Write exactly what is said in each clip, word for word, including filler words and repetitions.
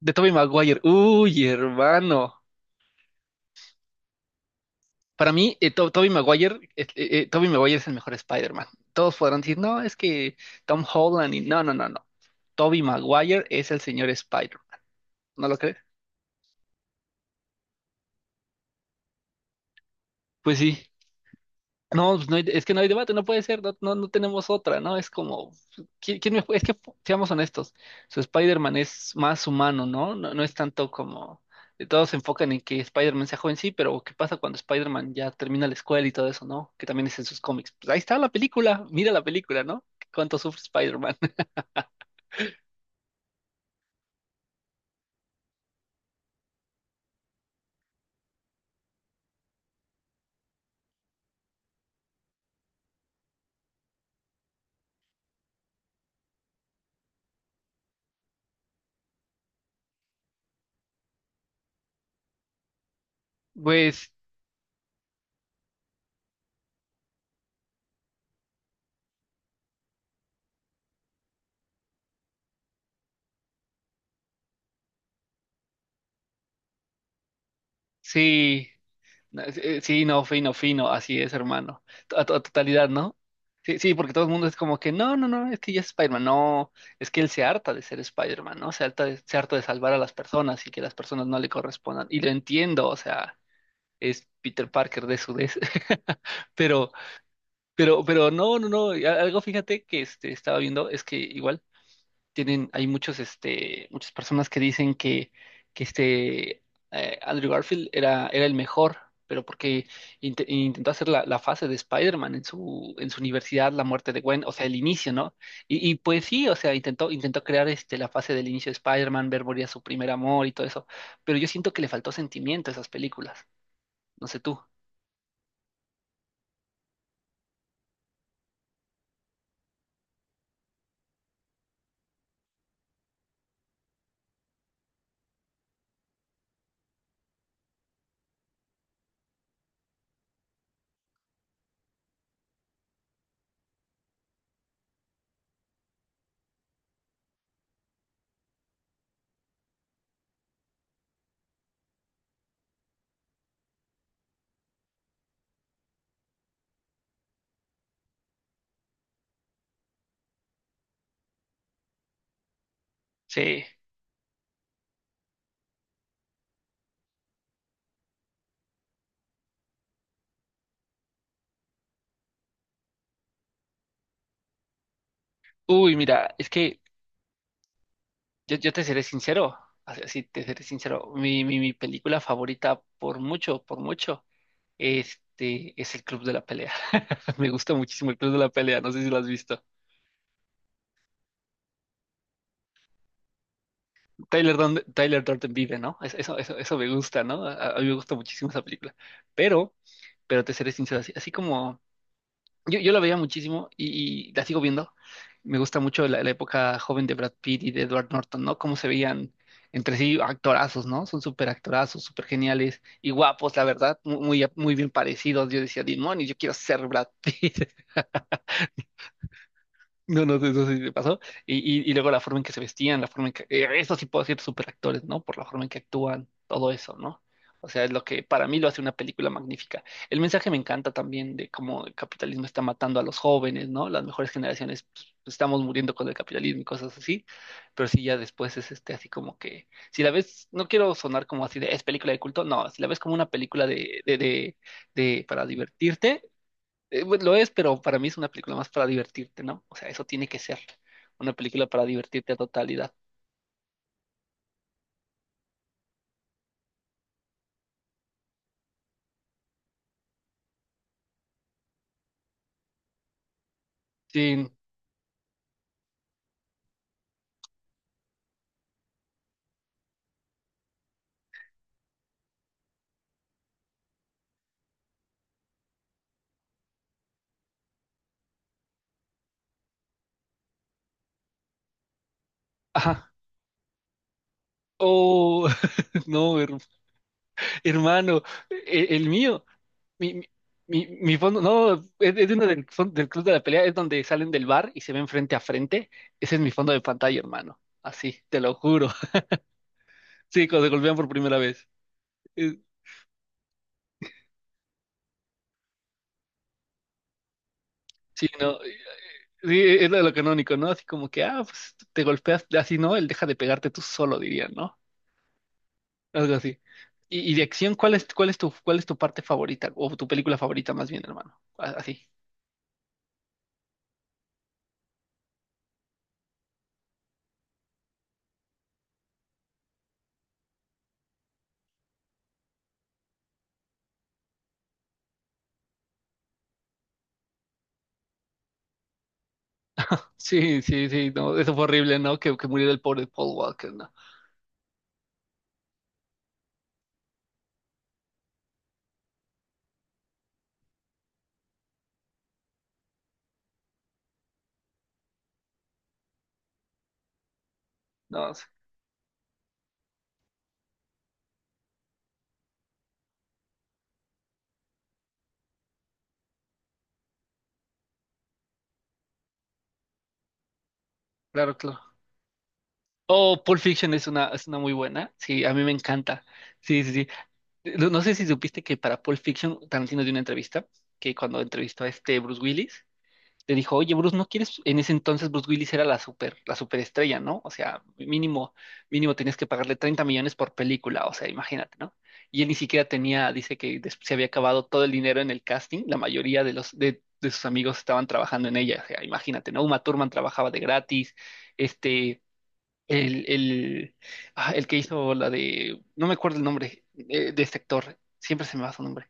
De Tobey Maguire. Uy, hermano. Para mí, eh, To- Tobey Maguire, eh, eh, Tobey Maguire es el mejor Spider-Man. Todos podrán decir, no, es que Tom Holland y no, no, no, no. Tobey Maguire es el señor Spider. ¿No lo crees? Pues sí. No, pues no hay- es que no hay debate, no puede ser, no, no, no tenemos otra, ¿no? Es como, ¿quién, quién mejor? Es que, seamos honestos, su Spider-Man es más humano, ¿no? No, no es tanto como, eh, todos se enfocan en que Spider-Man sea joven, sí, pero ¿qué pasa cuando Spider-Man ya termina la escuela y todo eso, ¿no? Que también es en sus cómics. Pues ahí está la película, mira la película, ¿no? ¿Cuánto sufre Spider-Man? Pues sí. Eh, Sí, no, fino, fino, así es, hermano. A, to- a totalidad, ¿no? Sí, sí, porque todo el mundo es como que, no, no, no, es que ya es Spider-Man, no, es que él se harta de ser Spider-Man, ¿no? Se harta de, se harta de salvar a las personas y que las personas no le correspondan. Y lo entiendo, o sea, es Peter Parker de su vez. Pero, pero, pero no, no, no, y a- algo fíjate que este, estaba viendo, es que igual tienen, hay muchos, este, muchas personas que dicen que, que este eh, Andrew Garfield era, era el mejor, pero porque int- intentó hacer la, la fase de Spider-Man en su, en su universidad, la muerte de Gwen, o sea, el inicio, ¿no? Y, y pues sí, o sea, intentó, intentó crear este, la fase del inicio de Spider-Man, ver morir a su primer amor y todo eso, pero yo siento que le faltó sentimiento a esas películas, no sé tú. Sí. Uy, mira, es que Yo, yo te seré sincero, así te seré sincero. Mi, mi, mi película favorita, por mucho, por mucho, este, es El Club de la Pelea. Me gusta muchísimo El Club de la Pelea, no sé si lo has visto. Tyler, Don- Tyler Durden vive, ¿no? Es- Eso, eso, eso me gusta, ¿no? A, a mí me gusta muchísimo esa película. Pero, pero te seré sincero, así, así como. Yo, yo la veía muchísimo y, y la sigo viendo. Me gusta mucho la, la época joven de Brad Pitt y de Edward Norton, ¿no? Cómo se veían entre sí actorazos, ¿no? Son súper actorazos, súper geniales y guapos, la verdad, mu- muy, muy, bien parecidos. Yo decía, Dimoni, yo quiero ser Brad Pitt. No, no, eso sí me pasó. Y, y, y luego la forma en que se vestían, la forma en que. Eh, eso sí puedo decir superactores, ¿no? Por la forma en que actúan, todo eso, ¿no? O sea, es lo que para mí lo hace una película magnífica. El mensaje me encanta también de cómo el capitalismo está matando a los jóvenes, ¿no? Las mejores generaciones pues, estamos muriendo con el capitalismo y cosas así. Pero sí, ya después es este así como que. Si la ves, no quiero sonar como así de es película de culto, no, si la ves como una película de, de, de, de para divertirte eh, pues, lo es, pero para mí es una película más para divertirte, ¿no? O sea, eso tiene que ser una película para divertirte a totalidad. Sí, ajá. Oh, no, her- hermano, e- el, mío, mi, mi, mi- mi fondo, no, es, es de uno del, fon- del Club de la Pelea, es donde salen del bar y se ven frente a frente. Ese es mi fondo de pantalla, hermano. Así, te lo juro. Sí, cuando se golpean por primera vez. Eh, Sí, no, eh, sí, e-, es lo, lo canónico, ¿no? Así como que, ah, pues te golpeas, así no, él deja de pegarte tú solo, diría, ¿no? Algo así. Y, y de acción, ¿cuál es, cuál es tu, cuál es tu parte favorita? O tu película favorita, más bien, hermano. A- Así. Sí, sí, sí, no, eso fue horrible, ¿no? Que, que muriera el pobre Paul Walker, ¿no? No, sí, claro, claro. Oh, Pulp Fiction es una, es una muy buena. Sí, a mí me encanta. Sí, sí, sí. No, no sé si supiste que para Pulp Fiction Tarantino dio una entrevista, que cuando entrevistó a este Bruce Willis, le dijo, oye, Bruce, ¿no quieres? En ese entonces Bruce Willis era la super, la superestrella, ¿no? O sea, mínimo, mínimo tenías que pagarle treinta millones por película, o sea, imagínate, ¿no? Y él ni siquiera tenía, dice que des- se había acabado todo el dinero en el casting, la mayoría de los, de, de sus amigos estaban trabajando en ella, o sea, imagínate, ¿no? Uma Thurman trabajaba de gratis, este, el, el, ah, el que hizo la de, no me acuerdo el nombre eh, de este actor, siempre se me va su nombre.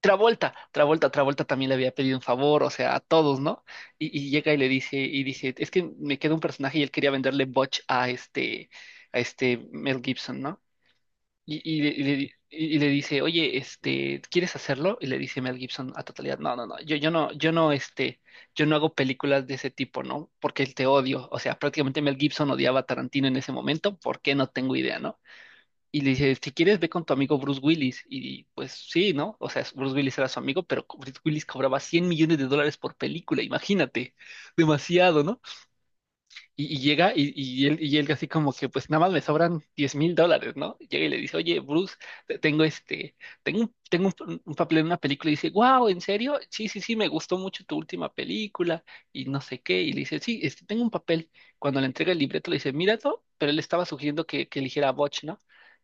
Travolta, Travolta, Travolta también le había pedido un favor, o sea, a todos, ¿no? Y, y llega y le dice, y dice, es que me queda un personaje y él quería venderle Butch a este, a este Mel Gibson, ¿no? Y, y le, y le di- y- y le dice, oye, este, ¿quieres hacerlo? Y le dice Mel Gibson a totalidad, no, no, no, yo, yo no, yo no, este, yo no hago películas de ese tipo, ¿no? Porque te odio. O sea, prácticamente Mel Gibson odiaba a Tarantino en ese momento, ¿por qué? No tengo idea, ¿no? Y le dice, si quieres, ve con tu amigo Bruce Willis. Y pues sí, ¿no? O sea, Bruce Willis era su amigo, pero Bruce Willis cobraba cien millones de dólares por película, imagínate. Demasiado, ¿no? Y, y llega y, y él, y él así como que pues nada más me sobran diez mil dólares, ¿no? Llega y le dice, oye, Bruce, te- tengo este, tengo un, tengo un, p- un papel en una película y dice, wow, ¿en serio? Sí, sí, sí, me gustó mucho tu última película y no sé qué. Y le dice, sí, este, tengo un papel. Cuando le entrega el libreto le dice, míralo, pero él estaba sugiriendo que, que eligiera a Butch, ¿no?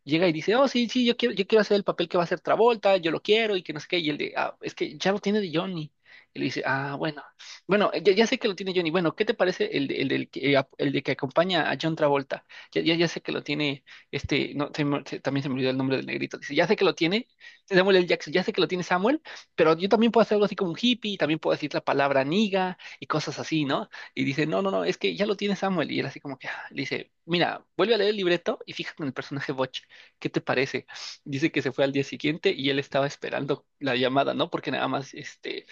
Llega y dice, oh, sí, sí, yo quiero, yo quiero hacer el papel que va a hacer Travolta, yo lo quiero y que no sé qué. Y él de, ah, es que ya lo tiene de Johnny. Y le dice, ah, bueno. Bueno, ya, ya sé que lo tiene Johnny. Bueno, ¿qué te parece el, de- el, del que, eh, ap- el de que acompaña a John Travolta? Ya, ya, ya sé que lo tiene, este, no, se me- se- también se me olvidó el nombre del negrito. Dice, ya sé que lo tiene Samuel L. Jackson, ya sé que lo tiene Samuel, pero yo también puedo hacer algo así como un hippie, también puedo decir la palabra niga y cosas así, ¿no? Y dice, no, no, no, es que ya lo tiene Samuel. Y él así como que ah, le dice, mira, vuelve a leer el libreto y fíjate en el personaje Butch, ¿qué te parece? Dice que se fue al día siguiente y él estaba esperando la llamada, ¿no? Porque nada más, este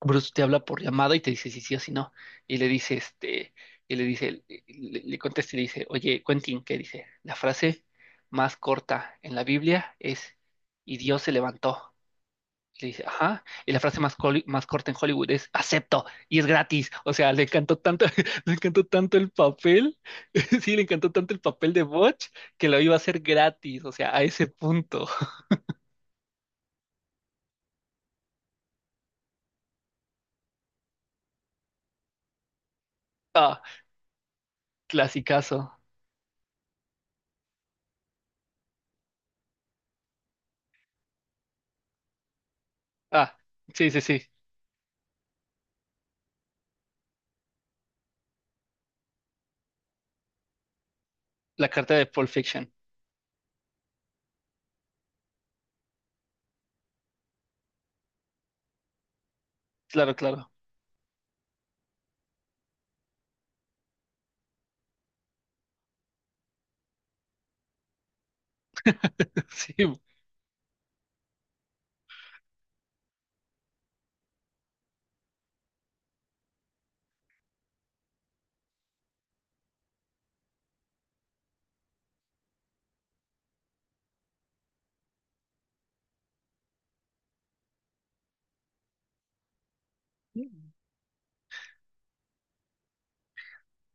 Bruce te habla por llamada y te dice si sí o si no. Y le dice, este, y le dice, le, le contesta y le dice, oye, Quentin, ¿qué dice? La frase más corta en la Biblia es, y Dios se levantó. Y le dice, ajá. Y la frase más, coli- más corta en Hollywood es, acepto, y es gratis. O sea, le encantó tanto, le encantó tanto el papel, sí, le encantó tanto el papel de Butch que lo iba a hacer gratis. O sea, a ese punto. Ah, clasicazo. Ah, sí, sí, sí. La carta de Pulp Fiction. Claro, claro. Sí.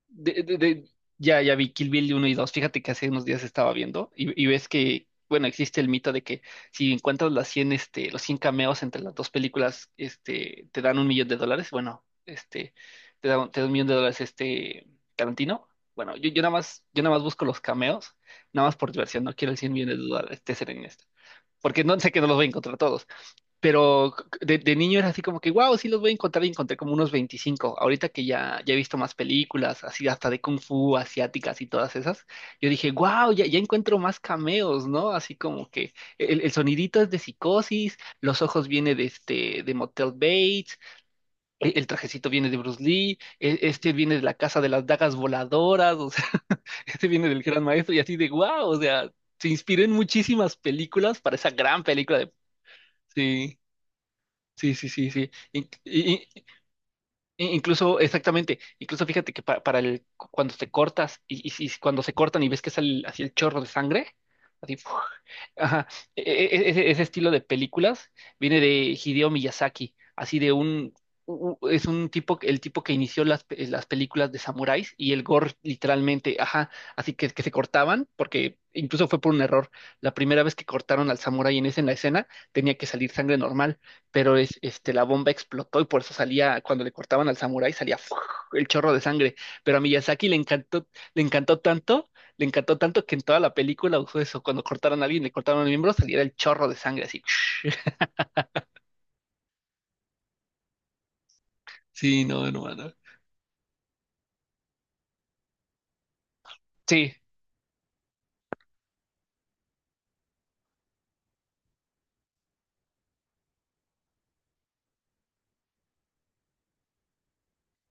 De- de- de- ya, ya vi Kill Bill uno y dos. Fíjate que hace unos días estaba viendo y, y ves que, bueno, existe el mito de que si encuentras las cien este, los cien cameos entre las dos películas, este, te dan un millón de dólares. Bueno, este, te da, un- te da un millón de dólares este Tarantino. Bueno, yo, yo nada más, yo nada más busco los cameos, nada más por diversión, no quiero el cien millones de dólares, te seré honesto. Porque no sé que no los voy a encontrar todos, pero de, de niño era así como que, wow, sí los voy a encontrar y encontré como unos veinticinco. Ahorita que ya, ya he visto más películas, así hasta de Kung Fu, asiáticas y todas esas, yo dije, wow, ya, ya encuentro más cameos, ¿no? Así como que el, el sonidito es de Psicosis, los ojos viene de, este, de Motel Bates, e- el, trajecito viene de Bruce Lee, e- este viene de la casa de las dagas voladoras, o sea, este viene del gran maestro y así de, wow, o sea, se inspiró en muchísimas películas para esa gran película de. Sí. Sí, sí, sí, sí. In- i- i- incluso, exactamente, incluso fíjate que pa- para el, cuando te cortas y, y si- cuando se cortan y ves que sale así el chorro de sangre, así, ¡fua! Ajá, e- e- e, ese, ese estilo de películas viene de Hideo Miyazaki, así de un, u- u- es un tipo, el tipo que inició las, pe- las películas de samuráis y el gore literalmente, ajá, así que, que se cortaban, porque incluso fue por un error. La primera vez que cortaron al samurái en esa en la escena, tenía que salir sangre normal pero es, este, la bomba explotó y por eso salía, cuando le cortaban al samurái, salía ¡fua! El chorro de sangre. Pero a Miyazaki le encantó, le encantó tanto, le encantó tanto que en toda la película usó eso. Cuando cortaron a alguien, le cortaron el miembro, salía el chorro de sangre así. Sí, no, no, no. Sí,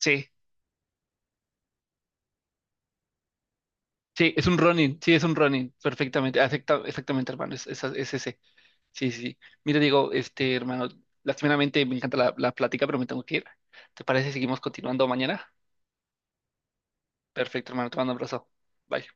sí, sí, es un Ronin, sí, es un Ronin, perfectamente, afecta- exactamente, hermano, es, es- es ese. Sí, sí. Sí. Mira, digo, este, hermano, lastimeramente me encanta la, la plática, pero me tengo que ir. ¿Te parece si seguimos continuando mañana? Perfecto, hermano, te mando un abrazo. Bye.